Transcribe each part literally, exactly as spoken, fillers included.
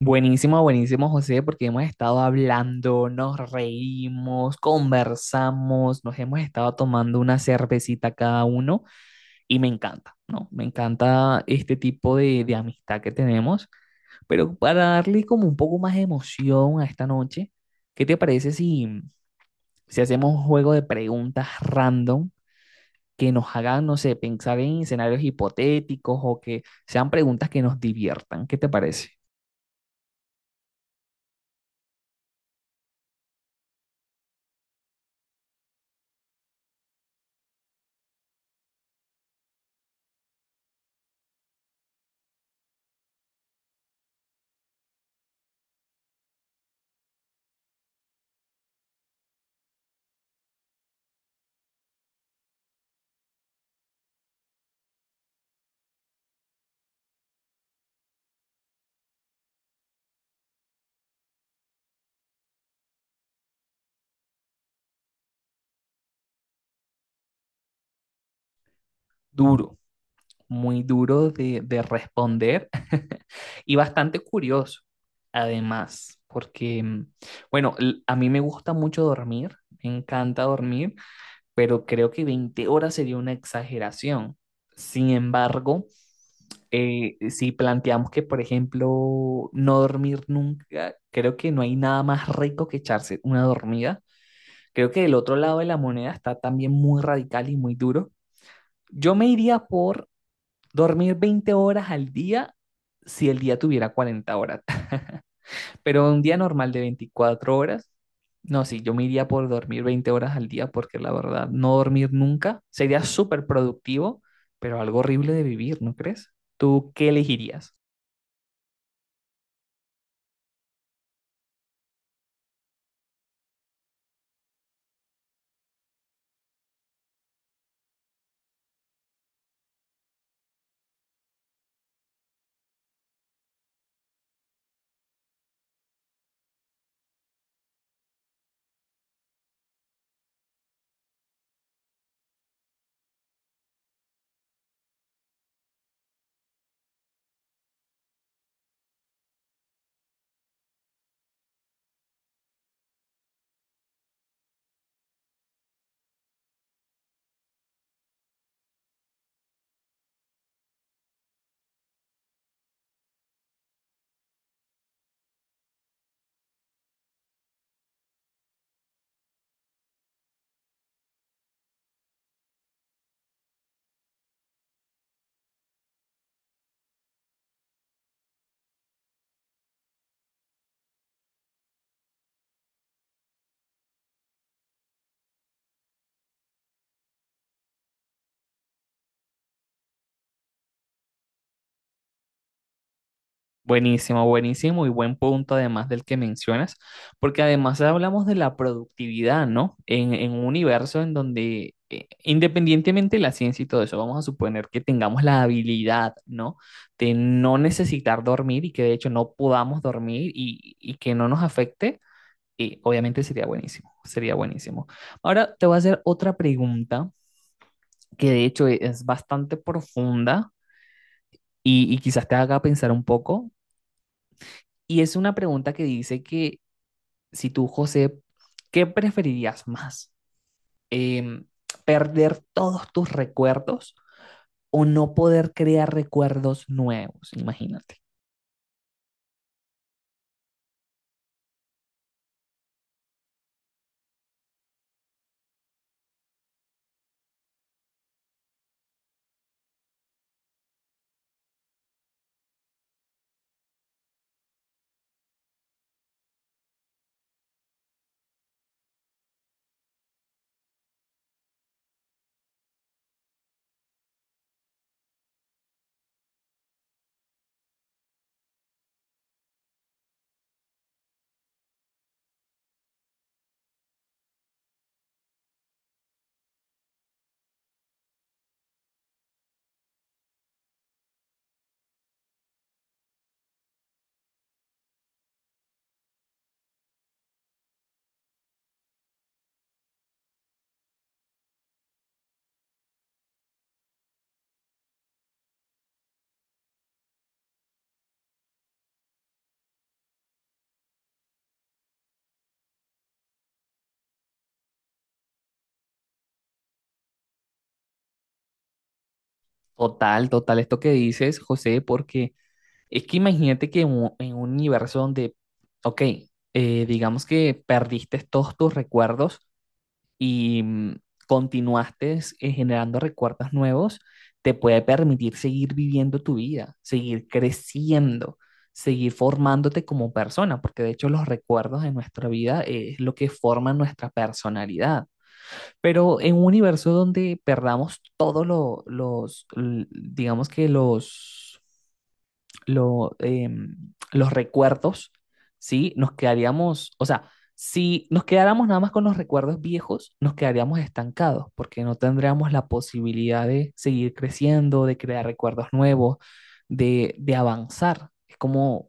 Buenísimo, buenísimo, José, porque hemos estado hablando, nos reímos, conversamos, nos hemos estado tomando una cervecita cada uno y me encanta, ¿no? Me encanta este tipo de, de amistad que tenemos, pero para darle como un poco más de emoción a esta noche, ¿qué te parece si, si hacemos un juego de preguntas random que nos hagan, no sé, pensar en escenarios hipotéticos o que sean preguntas que nos diviertan? ¿Qué te parece? Duro. Muy duro de, de responder y bastante curioso, además, porque, mm, bueno, a mí me gusta mucho dormir, me encanta dormir, pero creo que veinte horas sería una exageración. Sin embargo, eh, si planteamos que, por ejemplo, no dormir nunca, creo que no hay nada más rico que echarse una dormida. Creo que el otro lado de la moneda está también muy radical y muy duro. Yo me iría por dormir veinte horas al día si el día tuviera cuarenta horas, pero un día normal de veinticuatro horas, no, sí, yo me iría por dormir veinte horas al día porque la verdad, no dormir nunca sería súper productivo, pero algo horrible de vivir, ¿no crees? ¿Tú qué elegirías? Buenísimo, buenísimo y buen punto además del que mencionas, porque además hablamos de la productividad, ¿no? En, en un universo en donde, eh, independientemente de la ciencia y todo eso, vamos a suponer que tengamos la habilidad, ¿no? De no necesitar dormir y que de hecho no podamos dormir y, y que no nos afecte, y obviamente sería buenísimo, sería buenísimo. Ahora te voy a hacer otra pregunta que de hecho es bastante profunda y, y quizás te haga pensar un poco. Y es una pregunta que dice que si tú, José, ¿qué preferirías más? Em, ¿Perder todos tus recuerdos o no poder crear recuerdos nuevos? Imagínate. Total, total, esto que dices, José, porque es que imagínate que en un, en un universo donde, ok, eh, digamos que perdiste todos tus recuerdos, y mm, continuaste eh, generando recuerdos nuevos, te puede permitir seguir viviendo tu vida, seguir creciendo, seguir formándote como persona, porque de hecho los recuerdos de nuestra vida eh, es lo que forma nuestra personalidad. Pero en un universo donde perdamos todos lo- los, l- digamos que los lo, em, los recuerdos, ¿sí? Nos quedaríamos, o sea, si nos quedáramos nada más con los recuerdos viejos, nos quedaríamos estancados porque no tendríamos la posibilidad de seguir creciendo, de crear recuerdos nuevos, de, de avanzar. Es como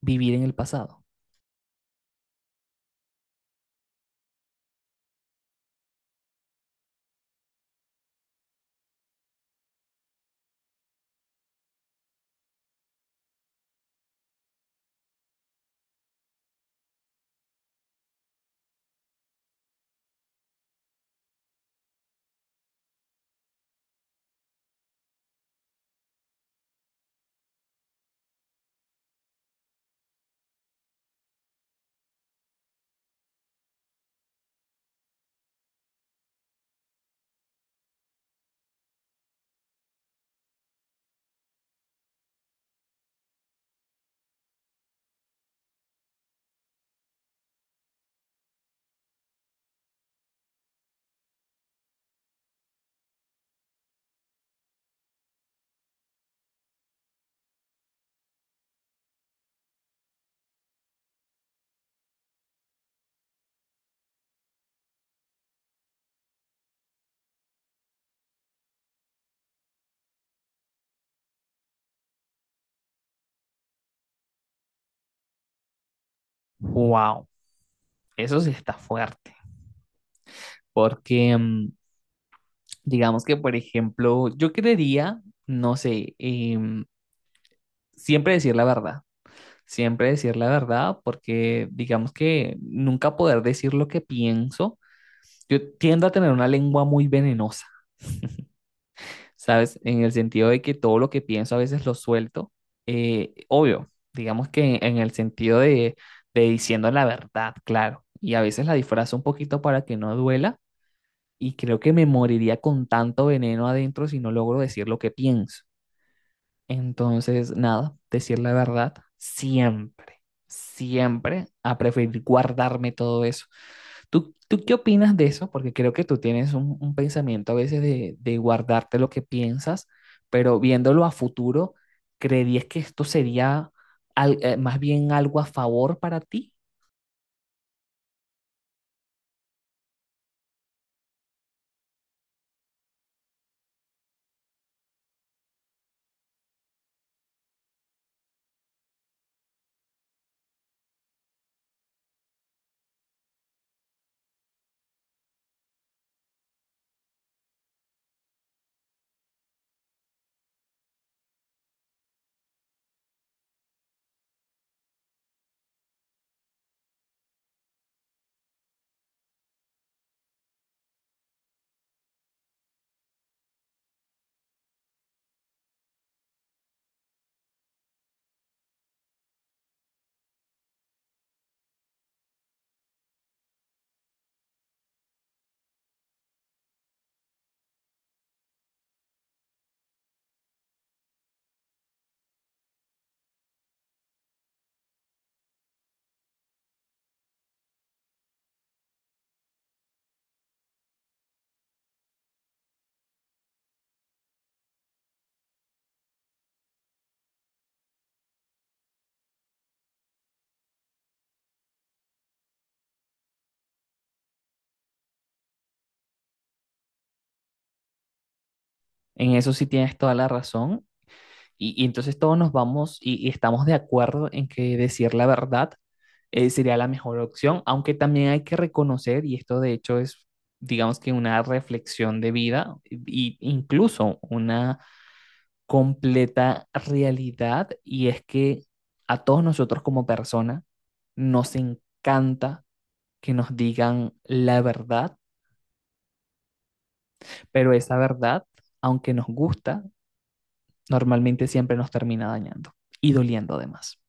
vivir en el pasado. Wow, eso sí está fuerte. Porque mm, digamos que, por ejemplo, yo creería, no sé, em, siempre decir la verdad. Siempre decir la verdad, porque digamos que nunca poder decir lo que pienso. Yo tiendo a tener una lengua muy venenosa, ¿sabes? En el sentido de que todo lo que pienso a veces lo suelto. Eh, obvio, digamos que en, en el sentido de, de diciendo la verdad, claro. Y a veces la disfrazo un poquito para que no duela. Y creo que me moriría con tanto veneno adentro si no logro decir lo que pienso. Entonces, nada, decir la verdad siempre, siempre a preferir guardarme todo eso. ¿Tú, tú qué opinas de eso? Porque creo que tú tienes un, un pensamiento a veces de, de guardarte lo que piensas, pero viéndolo a futuro, ¿creerías que esto sería al- eh, más bien algo a favor para ti? En eso sí tienes toda la razón. Y, y entonces todos nos vamos y, y estamos de acuerdo en que decir la verdad eh, sería la mejor opción, aunque también hay que reconocer, y esto de hecho es, digamos que una reflexión de vida e incluso una completa realidad, y es que a todos nosotros como persona nos encanta que nos digan la verdad, pero esa verdad, aunque nos gusta, normalmente siempre nos termina dañando y doliendo además.